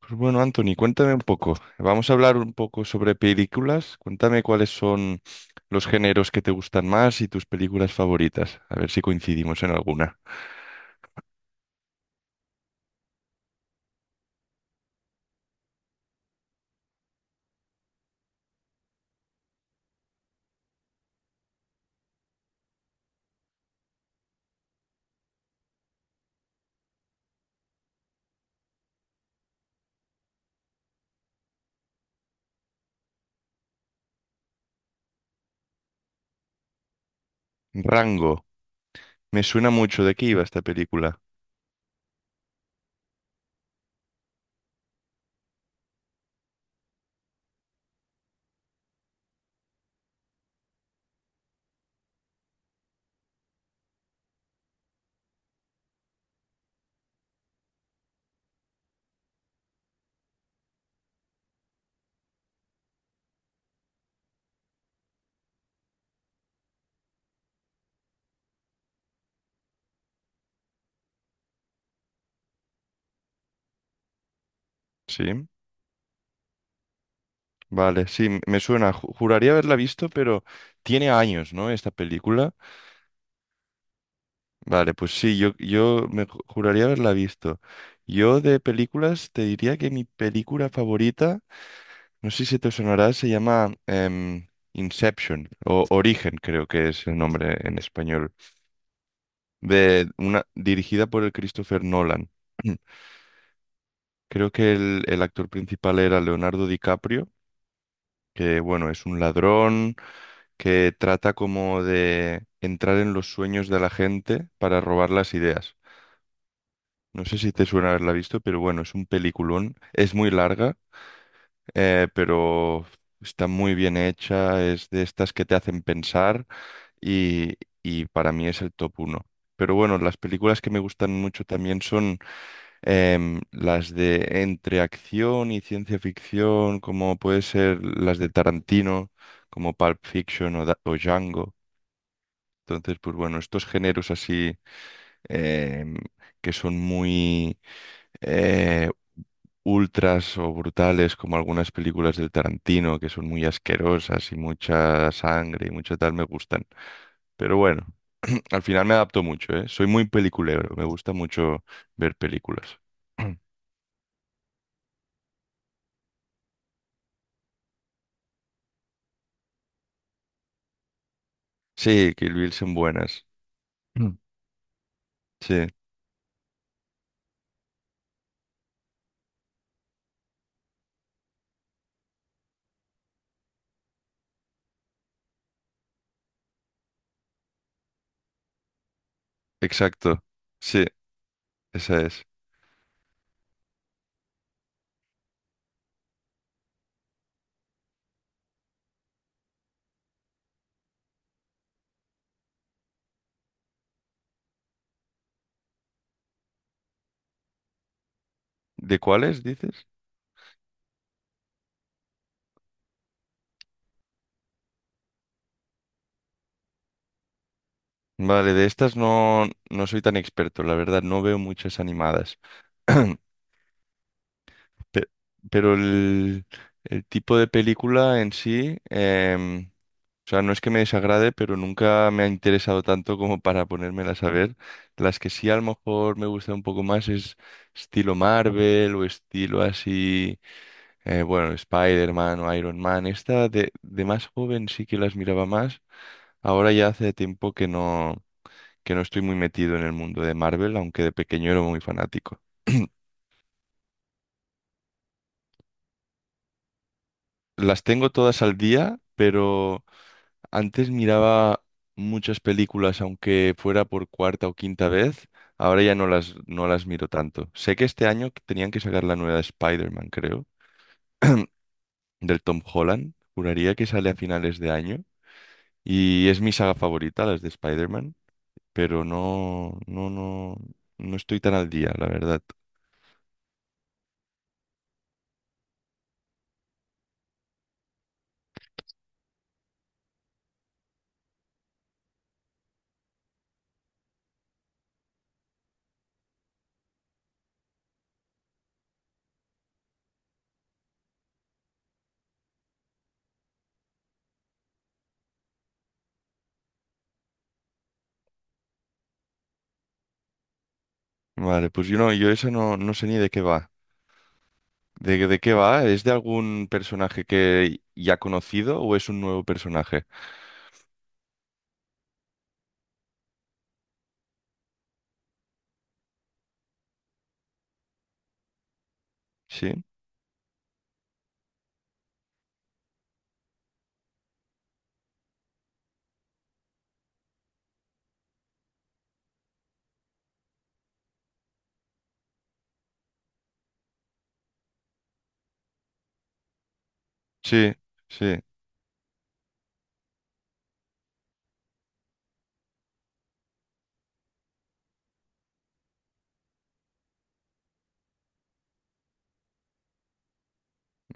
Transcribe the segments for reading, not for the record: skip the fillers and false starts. Pues bueno, Anthony, cuéntame un poco. Vamos a hablar un poco sobre películas. Cuéntame cuáles son los géneros que te gustan más y tus películas favoritas. A ver si coincidimos en alguna. Rango. Me suena mucho de qué iba esta película. Sí, vale, sí, me suena. Juraría haberla visto, pero tiene años, ¿no? Esta película. Vale, pues sí, yo me juraría haberla visto. Yo de películas te diría que mi película favorita. No sé si te sonará, se llama Inception o Origen, creo que es el nombre en español, de una dirigida por el Christopher Nolan. Creo que el actor principal era Leonardo DiCaprio, que bueno, es un ladrón que trata como de entrar en los sueños de la gente para robar las ideas. No sé si te suena haberla visto, pero bueno, es un peliculón. Es muy larga, pero está muy bien hecha. Es de estas que te hacen pensar y, y para mí es el top uno. Pero bueno, las películas que me gustan mucho también son las de entre acción y ciencia ficción, como puede ser las de Tarantino, como Pulp Fiction o, o Django. Entonces, pues bueno, estos géneros así, em, que son muy eh, ultras o brutales, como algunas películas del Tarantino, que son muy asquerosas y mucha sangre y mucho tal, me gustan. Pero bueno, al final me adapto mucho, ¿eh? Soy muy peliculero, me gusta mucho ver películas. Sí, Kill Bill son buenas. Mm. Sí, exacto. Sí, esa es. ¿De cuáles dices? Vale, de estas no, no soy tan experto, la verdad, no veo muchas animadas. Pe- Pero el tipo de película en sí, o sea, no es que me desagrade, pero nunca me ha interesado tanto como para ponérmelas a ver. Las que sí a lo mejor me gustan un poco más es estilo Marvel o estilo así, bueno, Spider-Man o Iron Man. Esta de más joven sí que las miraba más. Ahora ya hace tiempo que no, que no estoy muy metido en el mundo de Marvel, aunque de pequeño era muy fanático. Las tengo todas al día, pero antes miraba muchas películas, aunque fuera por cuarta o quinta vez. Ahora ya no las miro tanto. Sé que este año tenían que sacar la nueva de Spider-Man, creo, del Tom Holland. Juraría que sale a finales de año. Y es mi saga favorita, las de Spider-Man, pero no, no estoy tan al día, la verdad. Vale, pues yo no, yo eso no, no sé ni de qué va. De qué va? ¿Es de algún personaje que ya conocido o es un nuevo personaje? Sí, sí, sí.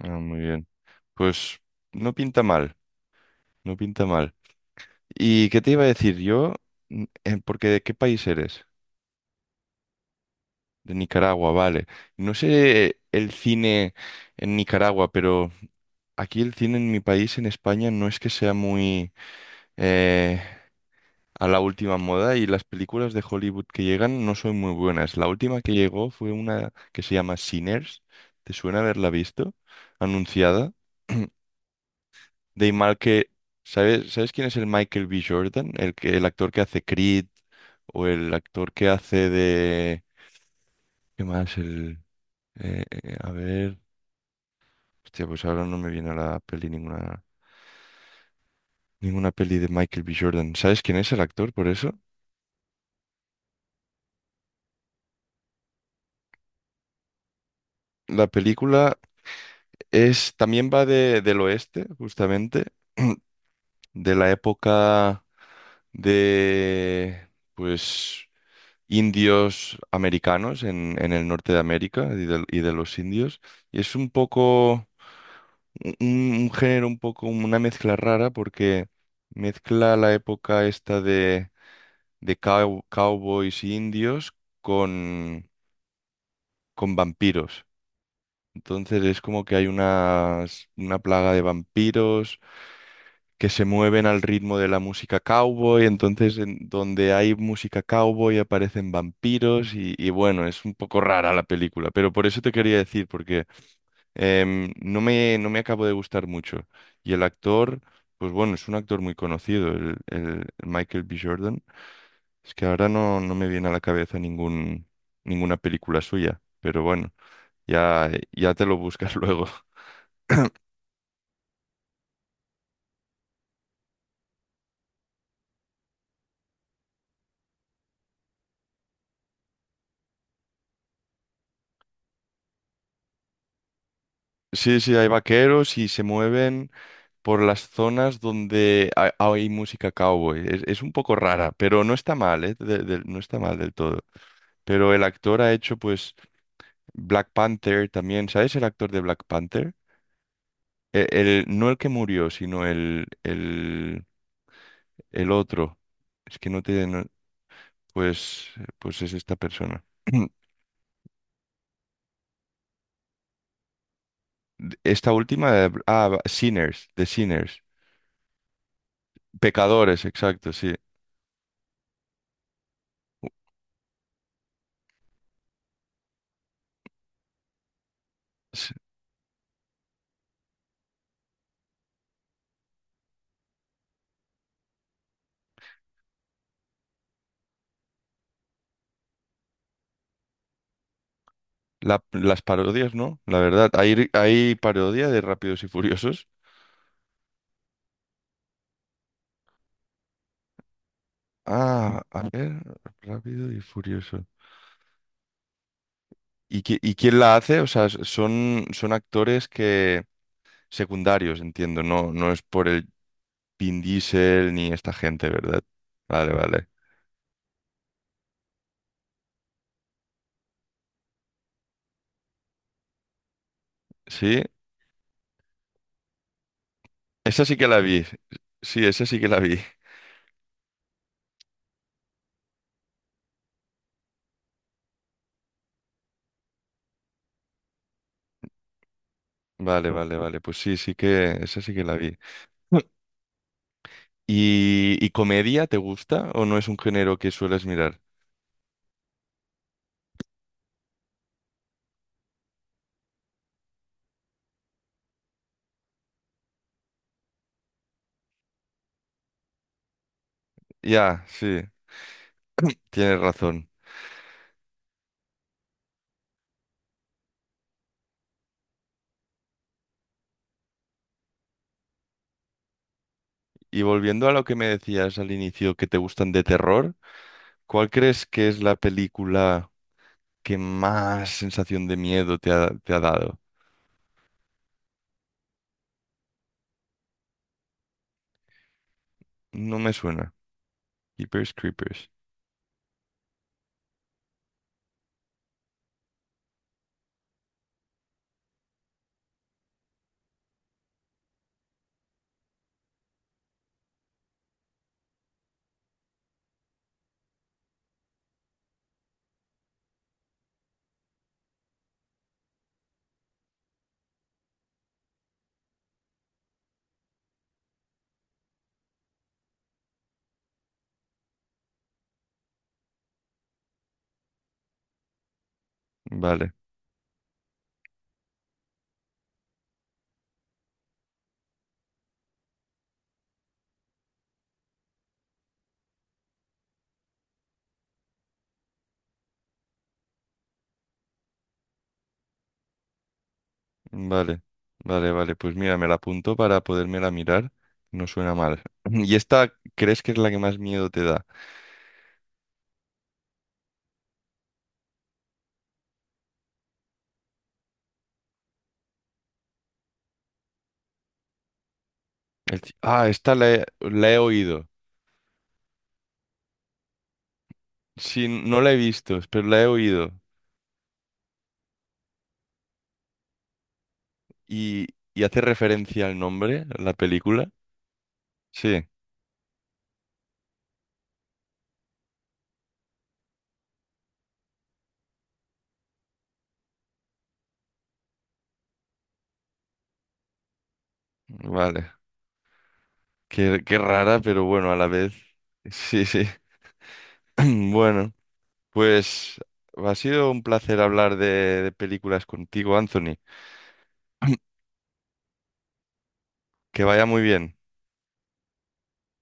Ah, muy bien. Pues no pinta mal, no pinta mal. ¿Y qué te iba a decir yo? Porque ¿de qué país eres? De Nicaragua, vale. No sé el cine en Nicaragua, pero aquí el cine en mi país, en España, no es que sea muy eh, a la última moda, y las películas de Hollywood que llegan no son muy buenas. La última que llegó fue una que se llama Sinners. ¿Te suena haberla visto? Anunciada. De mal que, ¿sabes quién es el Michael B. Jordan? El que, el actor que hace Creed o el actor que hace de... ¿Qué más? El, a ver... Hostia, pues ahora no me viene a la peli ninguna, ninguna peli de Michael B. Jordan. ¿Sabes quién es el actor por eso? La película es, también va de, del oeste, justamente, de la época de, pues, indios americanos en el norte de América y de los indios. Y es un poco, un género un poco, una mezcla rara porque mezcla la época esta de cowboys e indios con, con vampiros. Entonces es como que hay una plaga de vampiros que se mueven al ritmo de la música cowboy, entonces en donde hay música cowboy aparecen vampiros y bueno, es un poco rara la película, pero por eso te quería decir, porque no me acabo de gustar mucho. Y el actor, pues bueno, es un actor muy conocido, el Michael B. Jordan. Es que ahora no, no me viene a la cabeza ningún, ninguna película suya, pero bueno, ya, ya te lo buscas luego. Sí, sí, hay vaqueros y se mueven por las zonas donde hay música cowboy. Es un poco rara, pero no está mal, ¿eh? No está mal del todo. Pero el actor ha hecho, pues, Black Panther también. ¿Sabes el actor de Black Panther? El, no el que murió, sino el otro. Es que no te... no, pues, pues es esta persona. Esta última de... Ah, Sinners, de Sinners. Pecadores, exacto, sí. S- la- las parodias, ¿no? La verdad, hay parodia de Rápidos y Furiosos. Ah, a ver, Rápido y Furioso. ¿Y, y quién la hace? O sea, son, son actores que secundarios, entiendo. No, no es por el Vin Diesel ni esta gente, ¿verdad? Vale, vale. Sí, esa sí que la vi. Sí, esa sí que la vi. Vale, vale, vale. Pues sí, sí que esa sí que la vi. ¿Y, y comedia te gusta o no es un género que sueles mirar? Ya, sí, tienes razón. Y volviendo a lo que me decías al inicio, que te gustan de terror. ¿Cuál crees que es la película que más sensación de miedo te ha dado? No me suena. Keepers Creepers. Vale, vale, vale, vale. Pues mira, me la apunto para podérmela mirar. No suena mal. ¿Y esta crees que es la que más miedo te da? Ah, esta la he oído. Sí, no la he visto, pero la he oído. ¿Y, y hace referencia al nombre, la película? Sí, vale. Qué, qué rara, pero bueno, a la vez. Sí, sí. Bueno. Pues ha sido un placer hablar de películas contigo, Anthony. Que vaya muy bien.